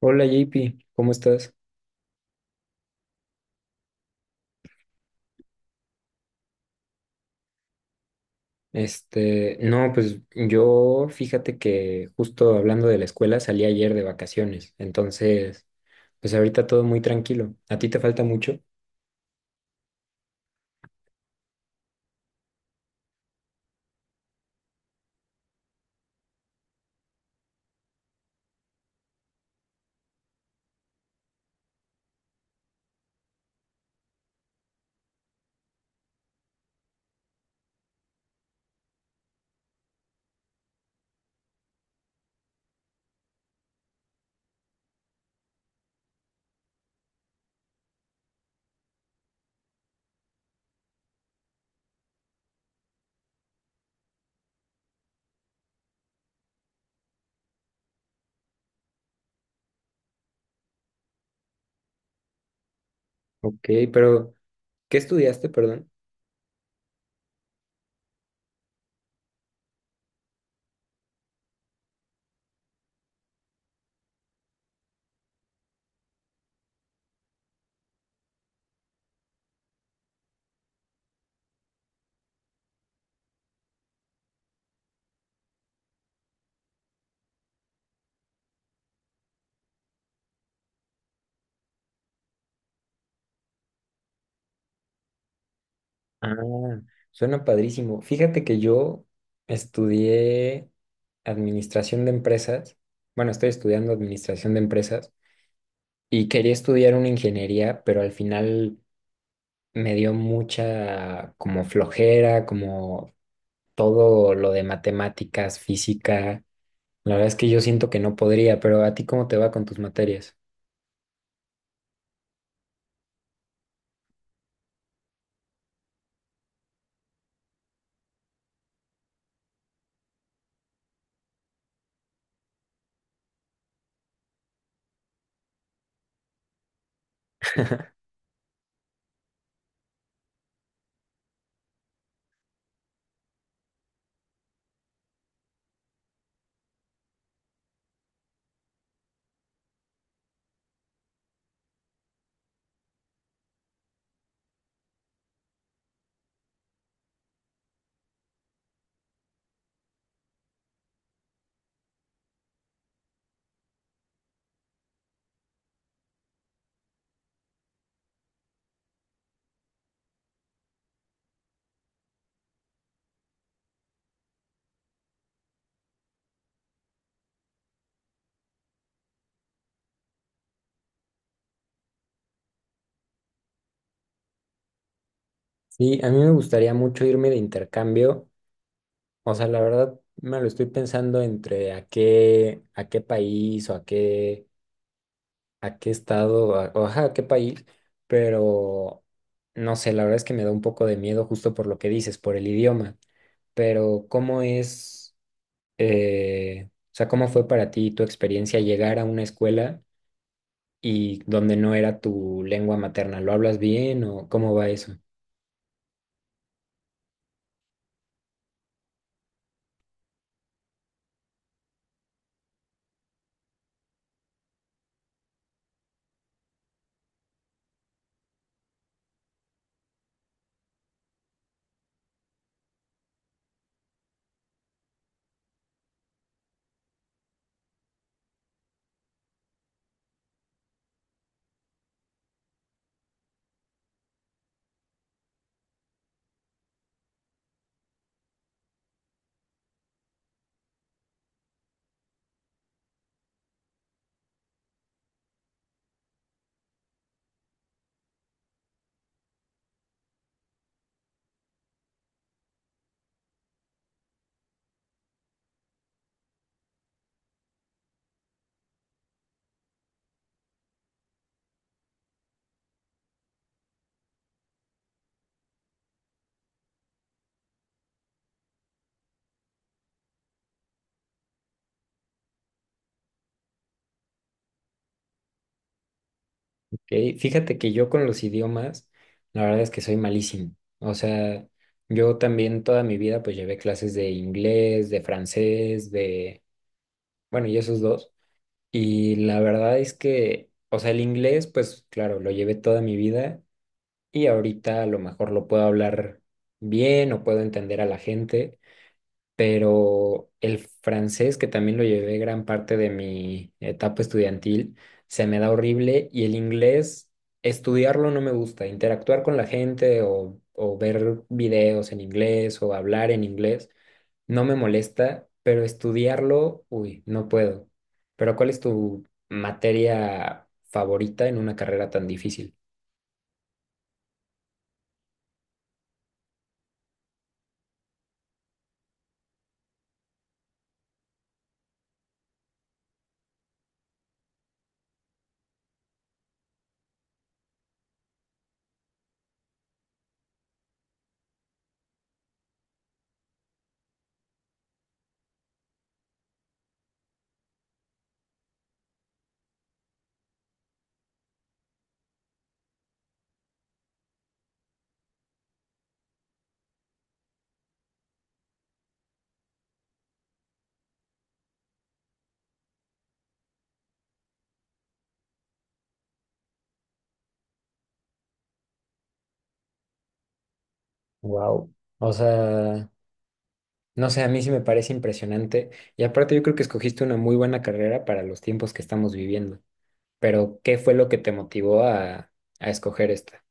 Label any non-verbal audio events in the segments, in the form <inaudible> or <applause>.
Hola JP, ¿cómo estás? Este, no, pues yo fíjate que justo hablando de la escuela salí ayer de vacaciones, entonces, pues ahorita todo muy tranquilo. ¿A ti te falta mucho? Ok, pero ¿qué estudiaste, perdón? Ah, suena padrísimo. Fíjate que yo estudié administración de empresas, bueno, estoy estudiando administración de empresas y quería estudiar una ingeniería, pero al final me dio mucha como flojera, como todo lo de matemáticas, física. La verdad es que yo siento que no podría, pero ¿a ti cómo te va con tus materias? Sí, a mí me gustaría mucho irme de intercambio. O sea, la verdad me lo estoy pensando entre a qué país o a qué estado, o ajá, a qué país, pero no sé, la verdad es que me da un poco de miedo justo por lo que dices, por el idioma. Pero ¿cómo es, o sea, cómo fue para ti tu experiencia llegar a una escuela y donde no era tu lengua materna? ¿Lo hablas bien o cómo va eso? Ok, fíjate que yo con los idiomas, la verdad es que soy malísimo. O sea, yo también toda mi vida pues llevé clases de inglés, de francés, de, bueno, y esos dos. Y la verdad es que, o sea, el inglés pues claro, lo llevé toda mi vida y ahorita a lo mejor lo puedo hablar bien o puedo entender a la gente, pero el francés, que también lo llevé gran parte de mi etapa estudiantil, se me da horrible y el inglés, estudiarlo no me gusta, interactuar con la gente o ver videos en inglés o hablar en inglés, no me molesta, pero estudiarlo, uy, no puedo. Pero ¿cuál es tu materia favorita en una carrera tan difícil? Wow. O sea, no sé, a mí sí me parece impresionante. Y aparte yo creo que escogiste una muy buena carrera para los tiempos que estamos viviendo. Pero ¿qué fue lo que te motivó a escoger esta?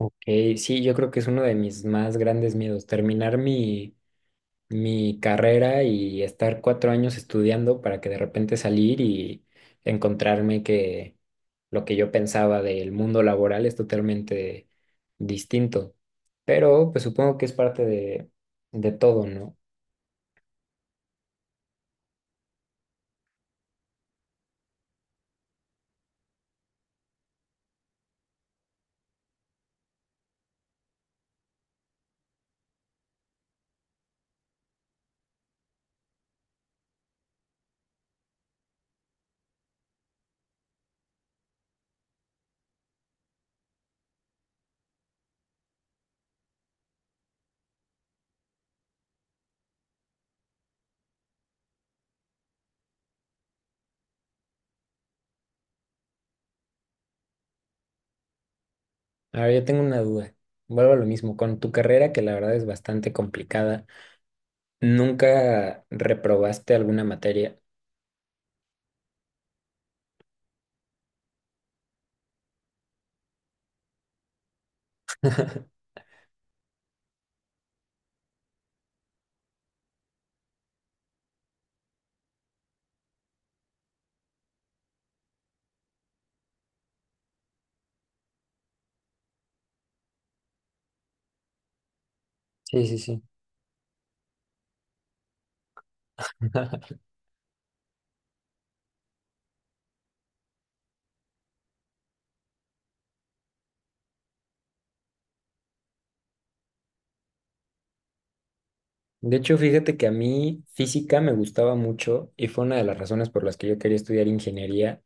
Ok, sí, yo creo que es uno de mis más grandes miedos, terminar mi carrera y estar 4 años estudiando para que de repente salir y encontrarme que lo que yo pensaba del mundo laboral es totalmente distinto. Pero pues supongo que es parte de todo, ¿no? A ver, yo tengo una duda. Vuelvo a lo mismo, con tu carrera, que la verdad es bastante complicada, ¿nunca reprobaste alguna materia? Sí, sí, sí. <laughs> De hecho, fíjate que a mí física me gustaba mucho y fue una de las razones por las que yo quería estudiar ingeniería,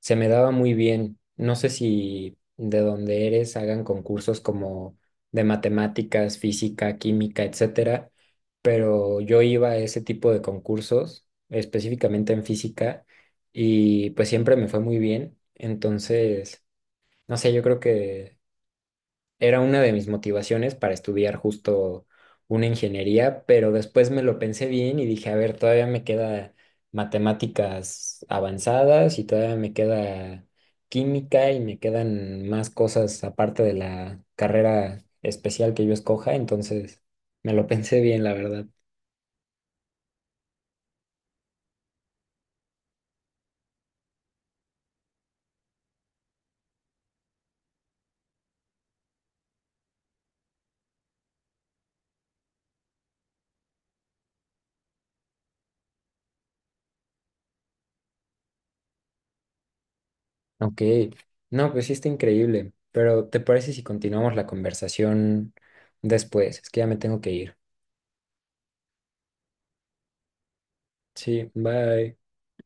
se me daba muy bien. No sé si de donde eres hagan concursos como de matemáticas, física, química, etcétera, pero yo iba a ese tipo de concursos, específicamente en física, y pues siempre me fue muy bien. Entonces, no sé, yo creo que era una de mis motivaciones para estudiar justo una ingeniería, pero después me lo pensé bien y dije, a ver, todavía me queda matemáticas avanzadas y todavía me queda química y me quedan más cosas aparte de la carrera especial que yo escoja, entonces me lo <laughs> pensé bien, la verdad. Ok, no, pues sí está increíble, pero ¿te parece si continuamos la conversación después? Es que ya me tengo que ir. Sí, bye.